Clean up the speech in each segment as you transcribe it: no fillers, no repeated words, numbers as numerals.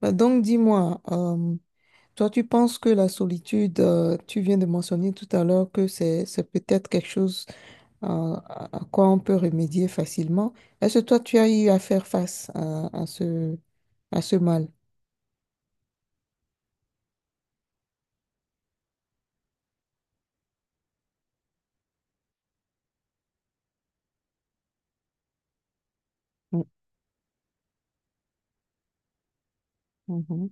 Bah, donc, dis-moi, toi, tu penses que la solitude, tu viens de mentionner tout à l'heure que c'est peut-être quelque chose euh, à quoi on peut remédier facilement. Est-ce que toi, tu as eu à faire face à ce mal? Mm. Mhm,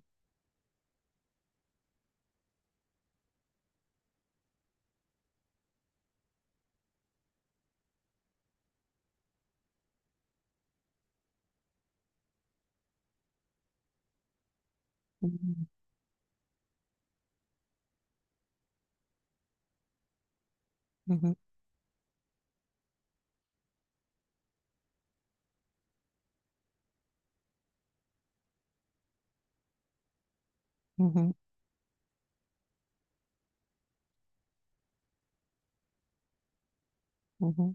mhm, mhm, mhm,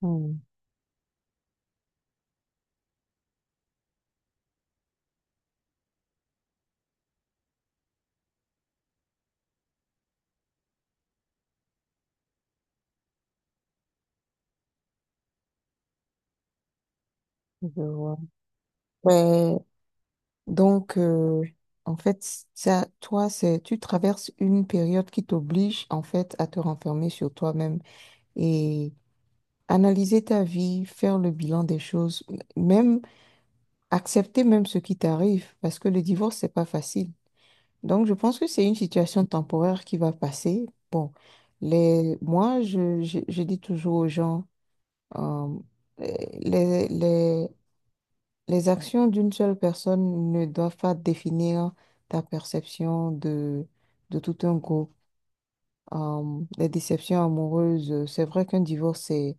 mhm, mhm, je vois. Donc, en fait, ça, toi, tu traverses une période qui t'oblige, en fait, à te renfermer sur toi-même et analyser ta vie, faire le bilan des choses, même accepter même ce qui t'arrive, parce que le divorce, c'est pas facile. Donc, je pense que c'est une situation temporaire qui va passer. Bon, moi, je dis toujours aux gens, euh, les, les les actions d'une seule personne ne doivent pas définir ta perception de tout un groupe. Les déceptions amoureuses, c'est vrai qu'un divorce,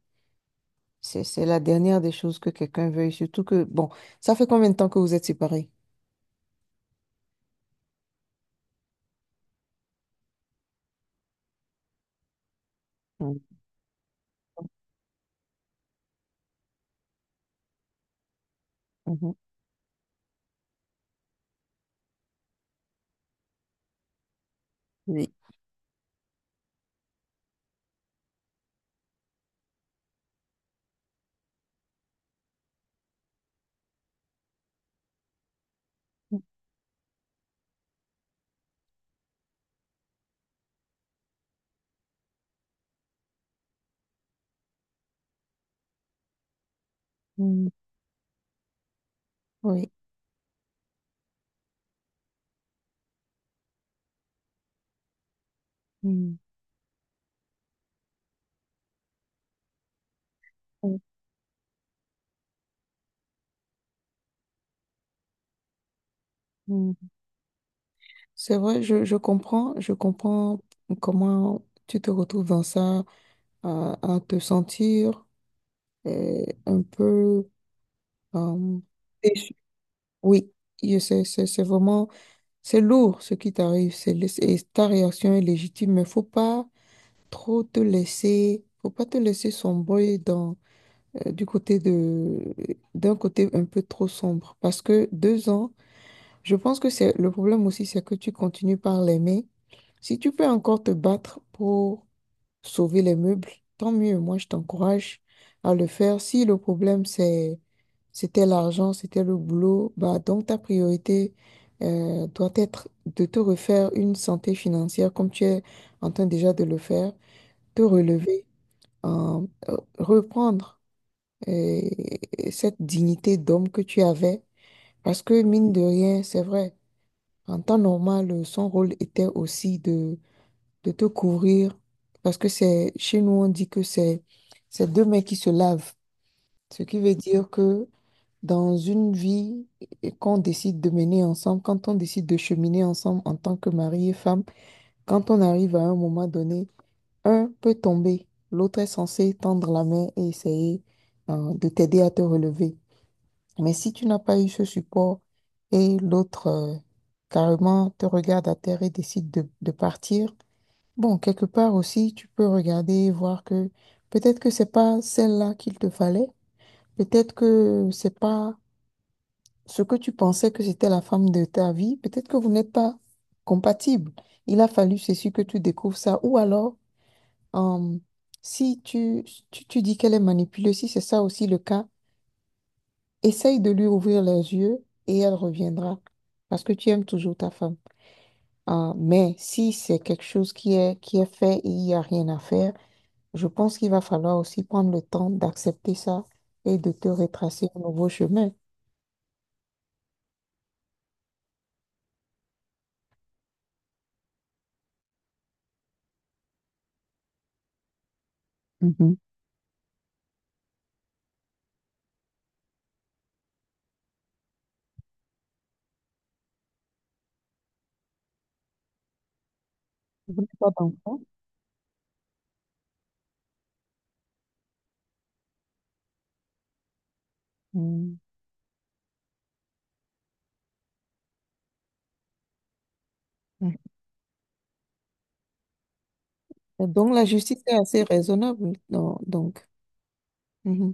c'est la dernière des choses que quelqu'un veuille, surtout que, bon, ça fait combien de temps que vous êtes séparés? Mm, mhm. Oui. Mm. Oui. Mm, mm, mm. C'est vrai, je comprends comment tu te retrouves dans ça, à te sentir un peu euh, déçu. Oui, je sais, c'est vraiment, c'est lourd ce qui t'arrive, c'est ta réaction est légitime, mais faut pas trop te laisser, faut pas te laisser sombrer dans, du côté de, d'un côté un peu trop sombre, parce que deux ans, je pense que c'est, le problème aussi, c'est que tu continues par l'aimer. Si tu peux encore te battre pour sauver les meubles, tant mieux. Moi, je t'encourage à le faire. Si le problème, c'était l'argent, c'était le boulot, bah, donc ta priorité doit être de te refaire une santé financière comme tu es en train déjà de le faire, te relever, reprendre euh, cette dignité d'homme que tu avais. Parce que mine de rien, c'est vrai, en temps normal, son rôle était aussi de te couvrir, parce que c'est, chez nous, on dit que c'est deux mains qui se lavent, ce qui veut dire que dans une vie qu'on décide de mener ensemble, quand on décide de cheminer ensemble en tant que mari et femme, quand on arrive à un moment donné, un peut tomber, l'autre est censé tendre la main et essayer, de t'aider à te relever. Mais si tu n'as pas eu ce support et l'autre, carrément te regarde à terre et décide de partir. Bon, quelque part aussi, tu peux regarder, voir que peut-être que c'est pas celle-là qu'il te fallait, peut-être que c'est pas ce que tu pensais que c'était la femme de ta vie, peut-être que vous n'êtes pas compatibles. Il a fallu, c'est sûr, que tu découvres ça. Ou alors, euh, si tu dis qu'elle est manipulée, si c'est ça aussi le cas, essaye de lui ouvrir les yeux et elle reviendra parce que tu aimes toujours ta femme. Mais si c'est quelque chose qui est fait et il n'y a rien à faire, je pense qu'il va falloir aussi prendre le temps d'accepter ça et de te retracer un nouveau chemin. Mhm. Vous n'avez pas d'enfant. Mm. Ouais. Donc la justice est assez raisonnable, non. Donc, mhm.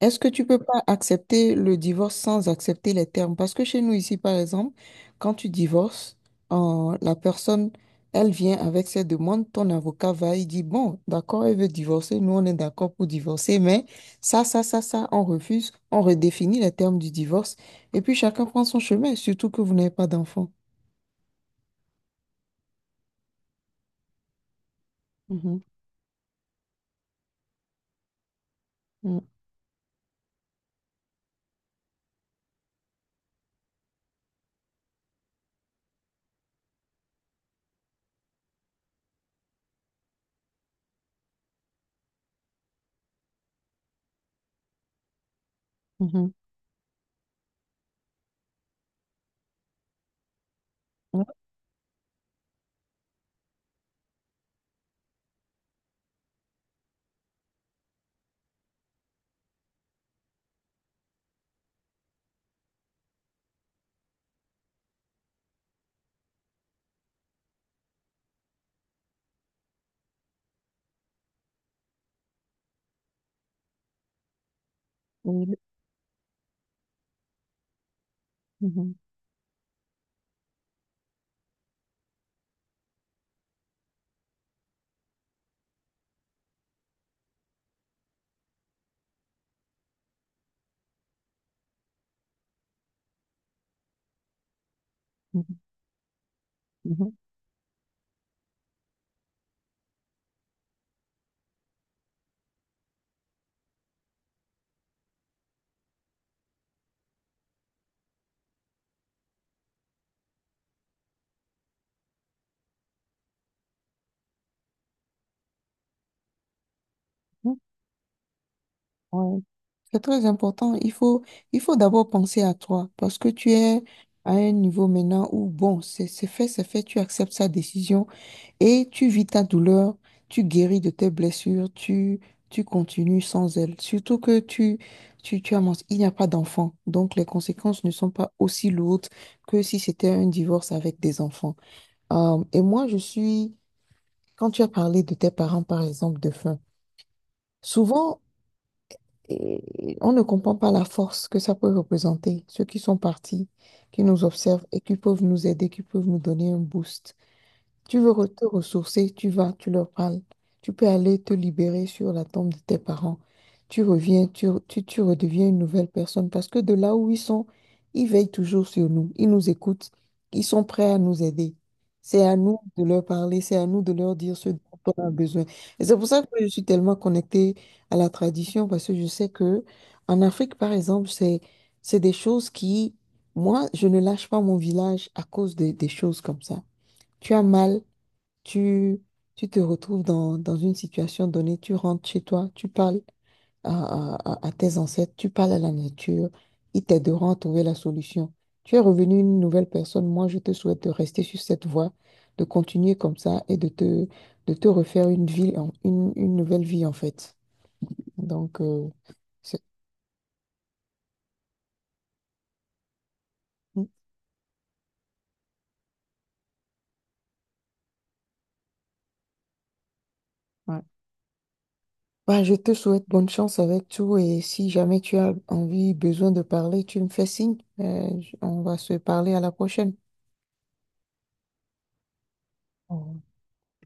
Est-ce que tu peux pas accepter le divorce sans accepter les termes? Parce que chez nous ici, par exemple, quand tu divorces, la personne, elle vient avec ses demandes, ton avocat va, il dit, bon, d'accord, elle veut divorcer, nous on est d'accord pour divorcer, mais ça, on refuse, on redéfinit les termes du divorce, et puis chacun prend son chemin, surtout que vous n'avez pas d'enfant. Mhm, mhm, mhm, ouais, oui, mhm, mhm, mhm, mhm, ouais. C'est très important. Il faut d'abord penser à toi parce que tu es à un niveau maintenant où, bon, c'est fait, tu acceptes sa décision et tu vis ta douleur, tu guéris de tes blessures, tu continues sans elle. Surtout que il n'y a pas d'enfant. Donc, les conséquences ne sont pas aussi lourdes que si c'était un divorce avec des enfants. Et moi, quand tu as parlé de tes parents, par exemple, de faim, souvent, et on ne comprend pas la force que ça peut représenter, ceux qui sont partis, qui nous observent et qui peuvent nous aider, qui peuvent nous donner un boost. Te ressourcer, tu vas, tu leur parles. Tu peux aller te libérer sur la tombe de tes parents. Tu reviens, tu redeviens une nouvelle personne parce que de là où ils sont, ils veillent toujours sur nous. Ils nous écoutent. Ils sont prêts à nous aider. C'est à nous de leur parler, c'est à nous de leur dire ce dont on a besoin. Et c'est pour ça que je suis tellement connectée à la tradition parce que je sais que en Afrique, par exemple, c'est des choses qui, moi, je ne lâche pas mon village à cause des choses comme ça. Tu as mal, tu, tu te retrouves dans, dans une situation donnée, tu rentres chez toi, tu parles à, à tes ancêtres, tu parles à la nature, ils t'aideront à trouver la solution. Tu es revenu une nouvelle personne. Moi, je te souhaite de rester sur cette voie, de continuer comme ça et de de te refaire une vie, une nouvelle vie, en fait. Donc, c'est- ouais. Bah, je te souhaite bonne chance avec tout et si jamais tu as envie, besoin de parler, tu me fais signe. On va se parler à la prochaine. Au revoir.